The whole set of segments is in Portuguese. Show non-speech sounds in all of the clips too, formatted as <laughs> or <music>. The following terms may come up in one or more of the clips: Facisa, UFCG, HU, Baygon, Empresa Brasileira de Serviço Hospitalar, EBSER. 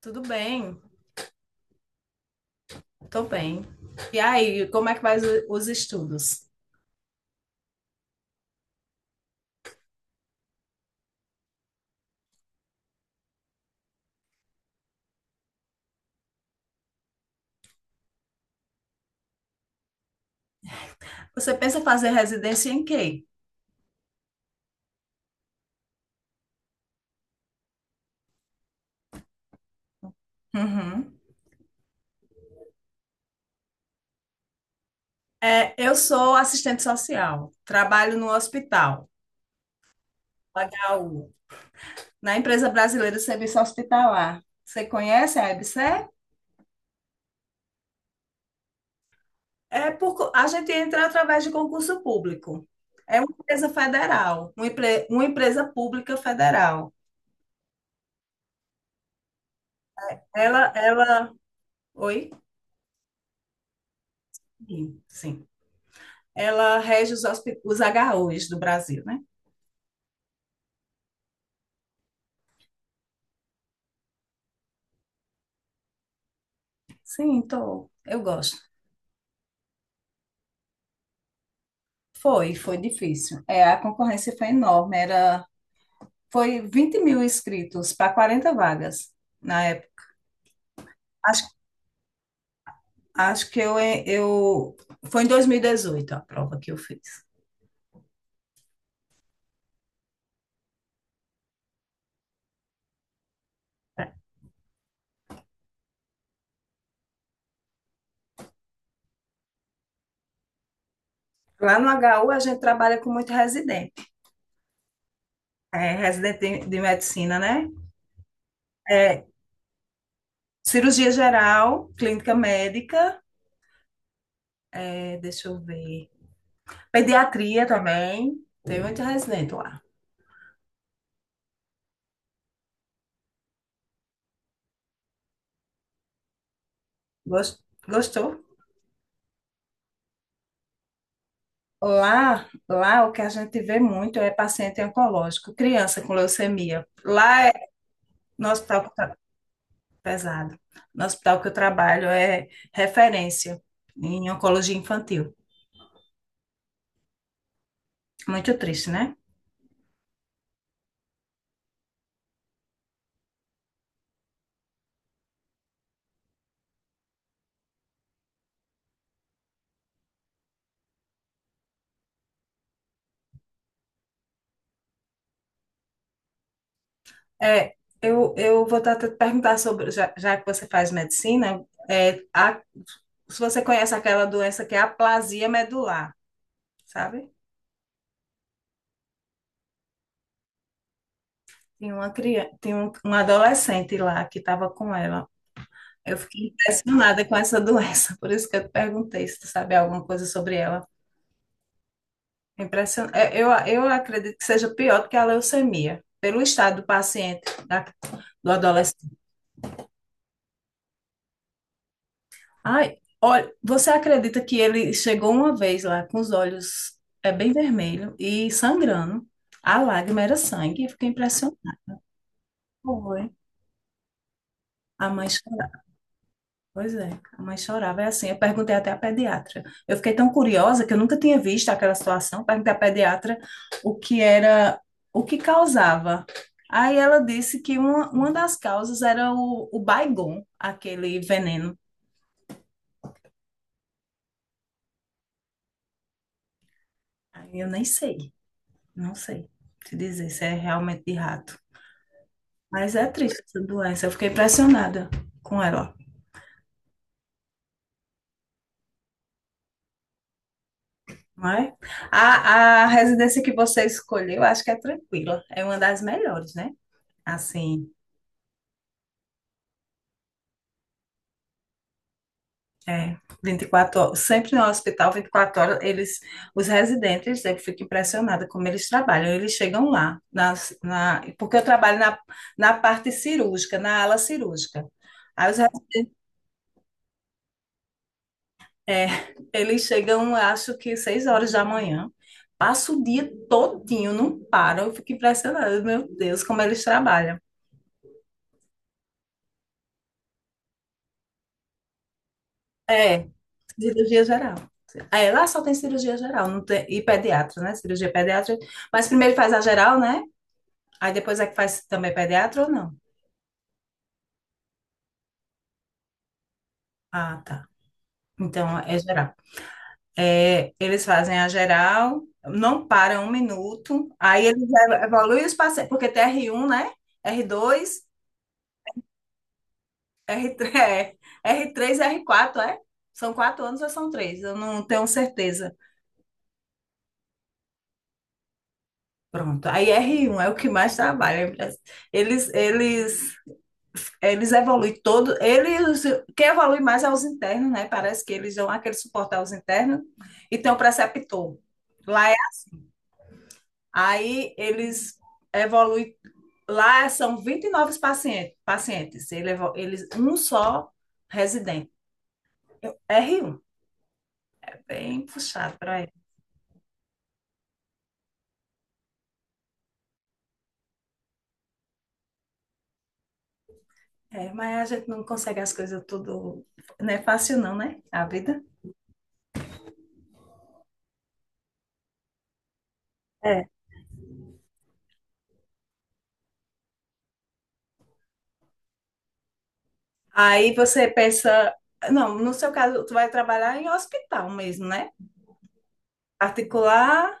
Tudo bem, tô bem. E aí, como é que vai os estudos? Você pensa em fazer residência em quê? Uhum. É, eu sou assistente social, trabalho no hospital, HU, na Empresa Brasileira de Serviço Hospitalar. Você conhece a EBSER? A gente entra através de concurso público. É uma empresa federal, uma empresa pública federal. Ela, ela, Oi? Sim. Sim. Ela rege os HUs do Brasil, né? Sim, tô. Eu gosto. Foi difícil. É, a concorrência foi enorme. Foi 20.000 inscritos para 40 vagas na época. Acho, Acho que eu, é, eu. Foi em 2018 a prova que eu fiz. Lá no HU a gente trabalha com muito residente, é, residente de medicina, né? É, cirurgia geral, clínica médica, é, deixa eu ver, pediatria também. Tem muito residente lá. Gos- Gostou? Lá o que a gente vê muito é paciente oncológico, criança com leucemia. Lá é, no hospital que eu tra- Pesado. No hospital que eu trabalho é referência em oncologia infantil. Muito triste, né? É, eu vou até te perguntar sobre, já que você faz medicina, se você conhece aquela doença que é a aplasia medular, sabe? Tem uma criança, tem um adolescente lá que estava com ela. Eu fiquei impressionada com essa <laughs> doença, por isso que eu te perguntei se tu sabe alguma coisa sobre ela. Eu acredito que seja pior do que a leucemia, pelo estado do paciente, do adolescente. Ai, olha, você acredita que ele chegou uma vez lá com os olhos é, bem vermelho e sangrando? A lágrima era sangue, eu fiquei impressionada. Foi. A mãe pois é, a mãe chorava. É assim, eu perguntei até à pediatra. Eu fiquei tão curiosa que eu nunca tinha visto aquela situação. Perguntei à pediatra o que era, o que causava. Aí ela disse que uma das causas era o Baygon, aquele veneno. Aí eu nem sei, Não sei te dizer se é realmente de rato. Mas é triste essa doença, eu fiquei impressionada com ela. Não é? A residência que você escolheu, acho que é tranquila. É uma das melhores, né? Assim, é, 24 horas, sempre no hospital, 24 horas, eles, os residentes, eu fico impressionada como eles trabalham, eles chegam lá, porque eu trabalho na parte cirúrgica, na ala cirúrgica. Aí os, re- é, Eles chegam, acho que 6 horas da manhã, passa o dia todinho, não param, eu fico impressionada, meu Deus, como eles trabalham. É, cirurgia geral. É, lá só tem cirurgia geral, não tem, e pediatra, né? Cirurgia pediátrica. Mas primeiro faz a geral, né? Aí depois é que faz também pediatra ou não? Ah, tá. Então é geral. É, eles fazem a geral, não param um minuto, aí eles evoluem os pacientes, porque tem r um, né? R dois, r três, <laughs> é, R3, R4, é? São quatro anos ou são três? Eu não tenho certeza. Pronto. Aí r um é o que mais trabalha. Eles, eles Eles evoluem todo, eles, quem evolui mais é os internos, né? Parece que eles dão aquele suporte aos internos e tem o preceptor. Lá é, aí Eles evoluem, lá são 29 pacientes, pacientes. Eles, um só residente. R um é bem puxado para ele. É, mas a gente não consegue as coisas tudo, não é fácil não, né? A vida. É. Aí você pensa, não, no seu caso, tu vai trabalhar em hospital mesmo, né? Particular,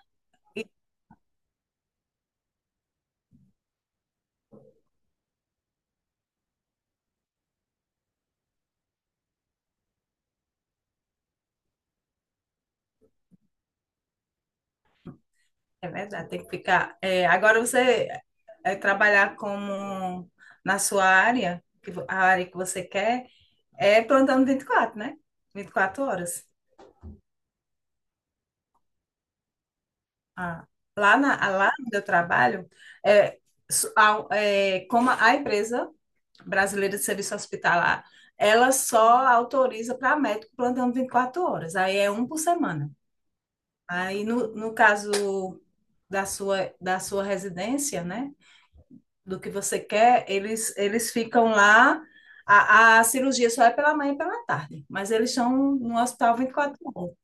é verdade, tem que ficar. É, agora você é, trabalhar como na sua área, a área que você quer, é plantando 24, né? 24 horas. Ah, lá onde eu trabalho, é, é, como a empresa brasileira de serviço hospitalar, ela só autoriza para médico plantando 24 horas, aí é um por semana. Aí, no caso da sua residência, né? Do que você quer, eles ficam lá. A cirurgia só é pela manhã e pela tarde, mas eles estão no hospital vinte e quatro horas.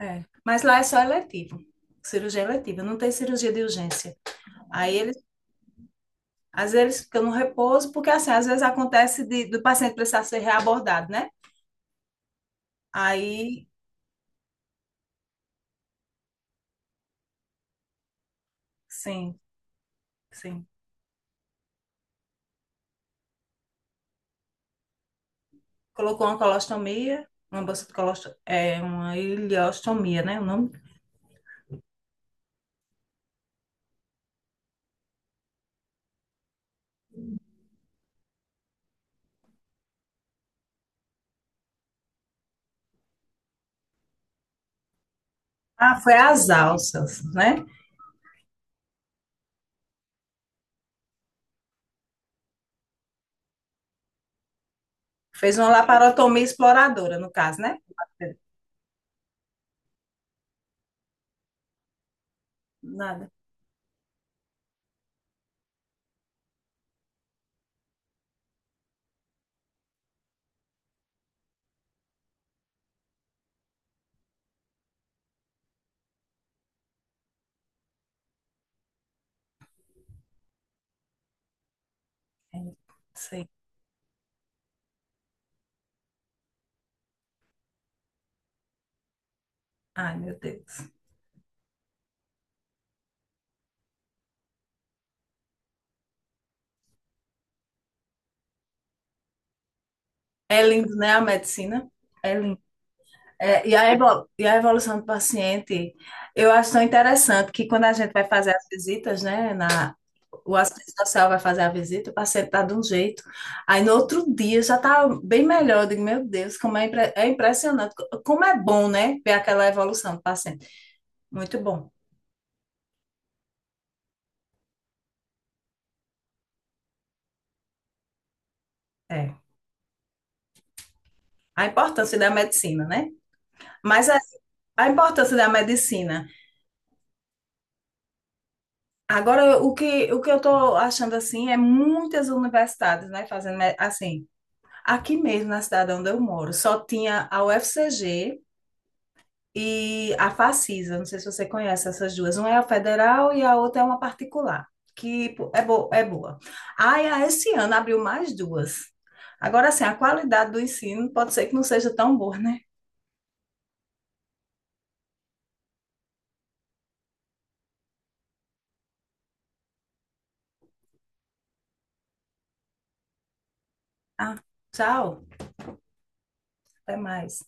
É. Mas lá é só eletivo, cirurgia eletiva, não tem cirurgia de urgência. Aí eles, às vezes, eles ficam no repouso, porque assim, às vezes acontece do paciente precisar ser reabordado, né? Aí, sim, sim. Colocou uma colostomia, uma bolsa de colostomia, é, uma ileostomia, né? O nome? Ah, foi as alças, né? Fez uma laparotomia exploradora, no caso, né? Nada. É, não sei. Ai, meu Deus. É lindo, né, a medicina? É lindo. É, e a e a evolução do paciente, eu acho tão interessante que quando a gente vai fazer as visitas, né, na, o assistente social vai fazer a visita, o paciente tá de um jeito, aí no outro dia já tá bem melhor. Eu digo, meu Deus, como é, é impressionante, como é bom, né, ver aquela evolução do paciente. Muito bom. É. A importância da medicina, né? Mas assim, a importância da medicina. Agora, o que eu estou achando assim é muitas universidades, né, fazendo assim. Aqui mesmo na cidade onde eu moro, só tinha a UFCG e a Facisa. Não sei se você conhece essas duas. Uma é a federal e a outra é uma particular, que pô, é boa, é boa. Aí, a esse ano abriu mais duas. Agora, assim, a qualidade do ensino pode ser que não seja tão boa, né? Ah, tchau, até mais.